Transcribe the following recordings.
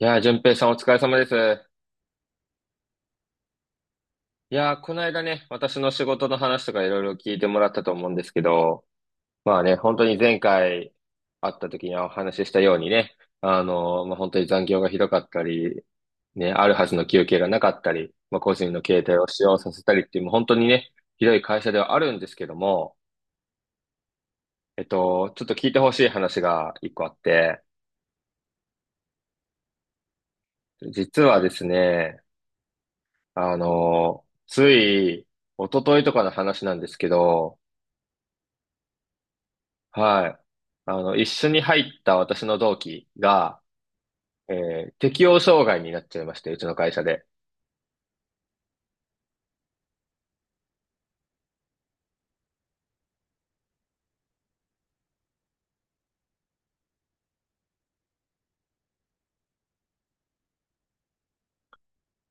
いやー、淳平さんお疲れ様です。いやー、この間ね、私の仕事の話とかいろいろ聞いてもらったと思うんですけど、まあね、本当に前回会った時にお話ししたようにね、本当に残業がひどかったり、ね、あるはずの休憩がなかったり、まあ、個人の携帯を使用させたりっていう、もう本当にね、ひどい会社ではあるんですけども、ちょっと聞いてほしい話が一個あって、実はですね、あのーつい、一昨日とかの話なんですけど、はい。あの、一緒に入った私の同期が、え適応障害になっちゃいまして、うちの会社で。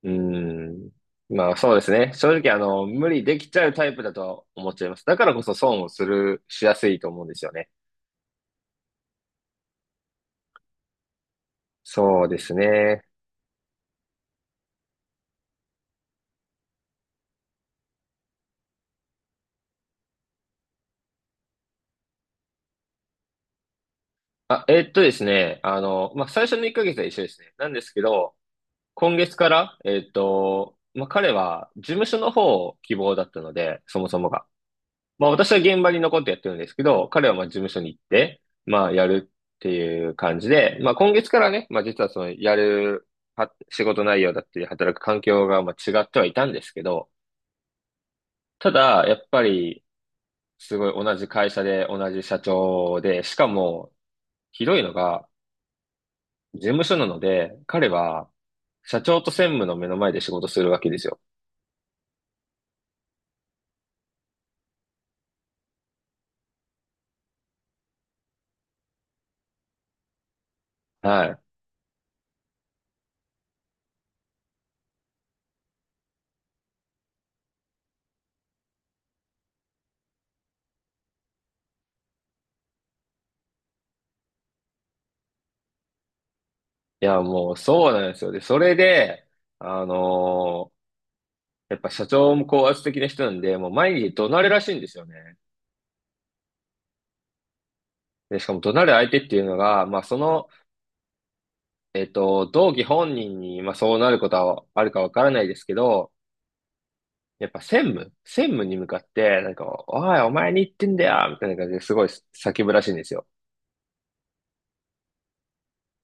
うーん。まあそうですね。正直、あの、無理できちゃうタイプだとは思っちゃいます。だからこそ損をする、しやすいと思うんですよね。そうですね。あ、ですね。あの、まあ最初の1ヶ月は一緒ですね。なんですけど、今月から、まあ彼は事務所の方を希望だったので、そもそもが。まあ私は現場に残ってやってるんですけど、彼はまあ事務所に行って、まあやるっていう感じで、まあ今月からね、まあ実はそのやるは仕事内容だったり働く環境がまあ違ってはいたんですけど、ただやっぱりすごい同じ会社で同じ社長で、しかもひどいのが事務所なので、彼は社長と専務の目の前で仕事するわけですよ。はい。いやもうそうなんですよ。で、それで、あのーやっぱ社長も高圧的な人なんで、もう毎日怒鳴るらしいんですよね。で、しかも怒鳴る相手っていうのが、まあその、同期本人に、まあそうなることはあるかわからないですけど、やっぱ専務に向かって、なんか、おい、お前に言ってんだよみたいな感じですごい叫ぶらしいんですよ。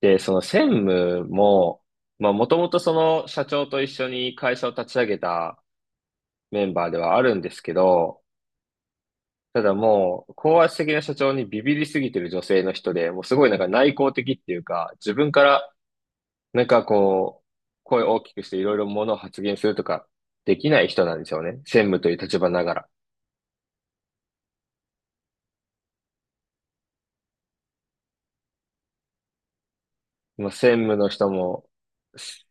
で、その専務も、まあもともとその社長と一緒に会社を立ち上げたメンバーではあるんですけど、ただもう、高圧的な社長にビビりすぎてる女性の人で、もうすごいなんか内向的っていうか、自分からなんかこう、声を大きくしていろいろものを発言するとかできない人なんですよね。専務という立場ながら。まあ、専務の人も、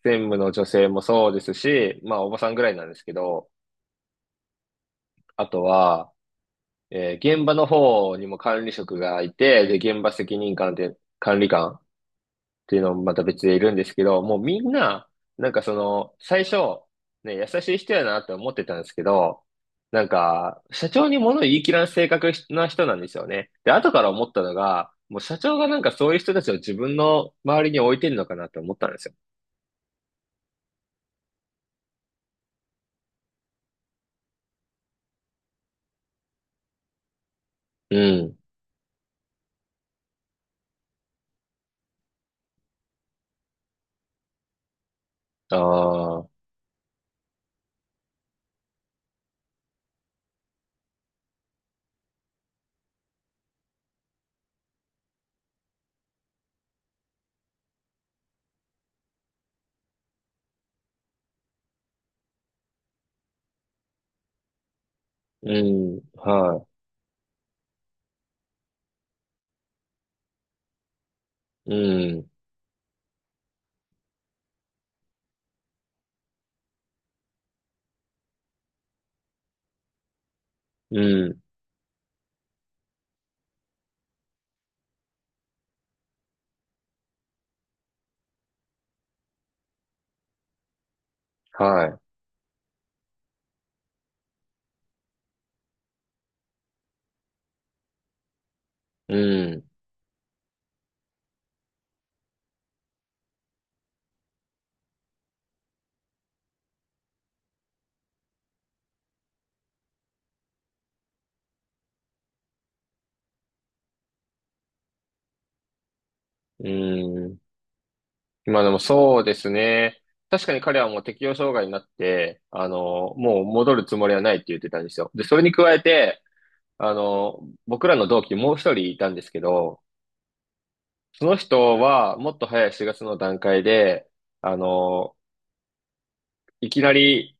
専務の女性もそうですし、まあおばさんぐらいなんですけど、あとは、現場の方にも管理職がいて、で、現場責任官で、管理官っていうのもまた別でいるんですけど、もうみんな、なんかその、最初、ね、優しい人やなって思ってたんですけど、なんか、社長に物言い切らん性格な人なんですよね。で、後から思ったのが、もう社長がなんかそういう人たちを自分の周りに置いてるのかなって思ったんですよ。うん。ああ、うん、はい、うん、うん、はい、うん、うん。今でもそうですね。確かに彼はもう適応障害になって、あの、もう戻るつもりはないって言ってたんですよ。で、それに加えて、あの、僕らの同期にもう一人いたんですけど、その人はもっと早い4月の段階で、あの、いきなり、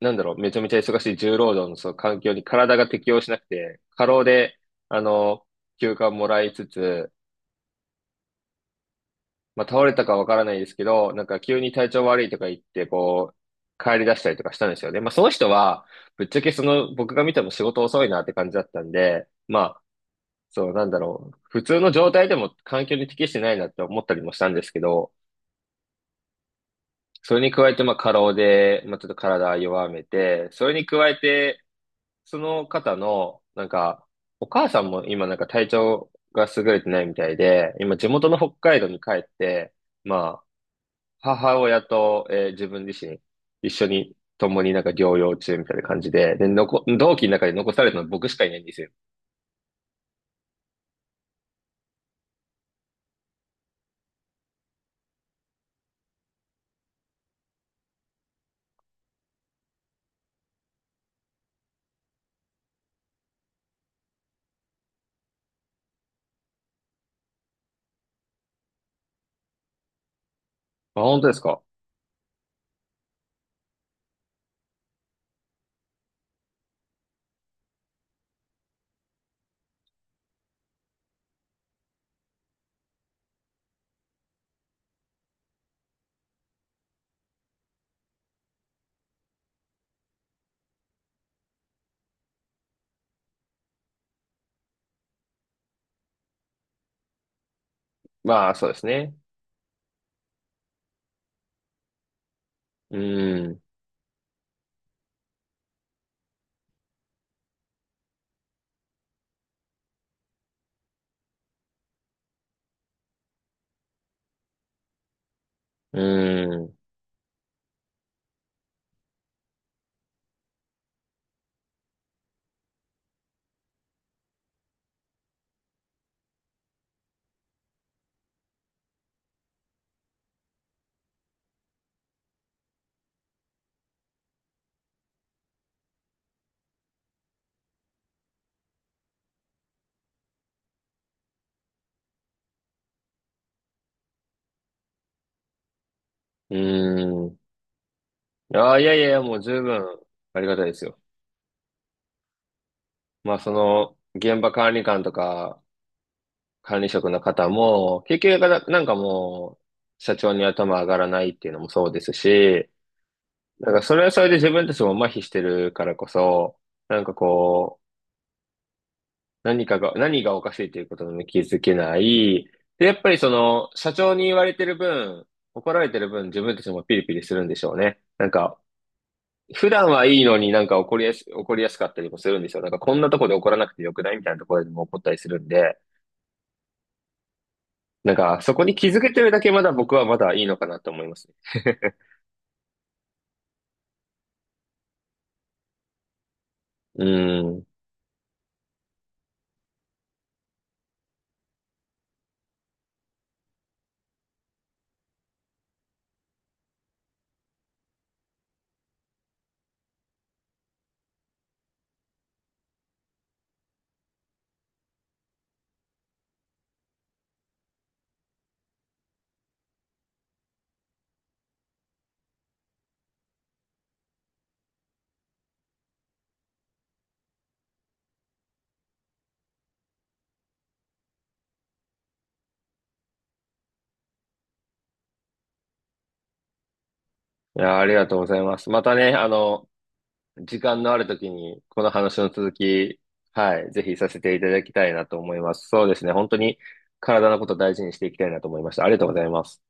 なんだろう、めちゃめちゃ忙しい重労働のその環境に体が適応しなくて、過労で、あの、休暇をもらいつつ、まあ、倒れたかわからないですけど、なんか急に体調悪いとか言って、こう、帰り出したりとかしたんですよね。まあ、その人は、ぶっちゃけその、僕が見ても仕事遅いなって感じだったんで、まあ、そう、なんだろう。普通の状態でも環境に適してないなって思ったりもしたんですけど、それに加えて、まあ、過労で、まあ、ちょっと体弱めて、それに加えて、その方の、なんか、お母さんも今なんか体調が優れてないみたいで、今地元の北海道に帰って、まあ、母親と、自分自身、一緒に、共になんか療養中みたいな感じで、で、同期の中で残されたのは僕しかいないんですよ。あ、本当ですか。まあ、そうですね。うーん、うーん、うーん。ああ、いやいやいや、もう十分ありがたいですよ。まあ、その、現場管理官とか、管理職の方も、結局な、なんかもう、社長に頭上がらないっていうのもそうですし、なんかそれはそれで自分たちも麻痺してるからこそ、なんかこう、何かが、何がおかしいということに気づけない。で、やっぱりその、社長に言われてる分、怒られてる分、自分たちもピリピリするんでしょうね。なんか、普段はいいのになんか怒りやすかったりもするんですよ。なんか、こんなとこで怒らなくてよくないみたいなところでも怒ったりするんで、なんか、そこに気づけてるだけまだ僕はまだいいのかなと思いますね。うん。いや、ありがとうございます。またね、あの、時間のあるときに、この話の続き、はい、ぜひさせていただきたいなと思います。そうですね、本当に体のことを大事にしていきたいなと思いました。ありがとうございます。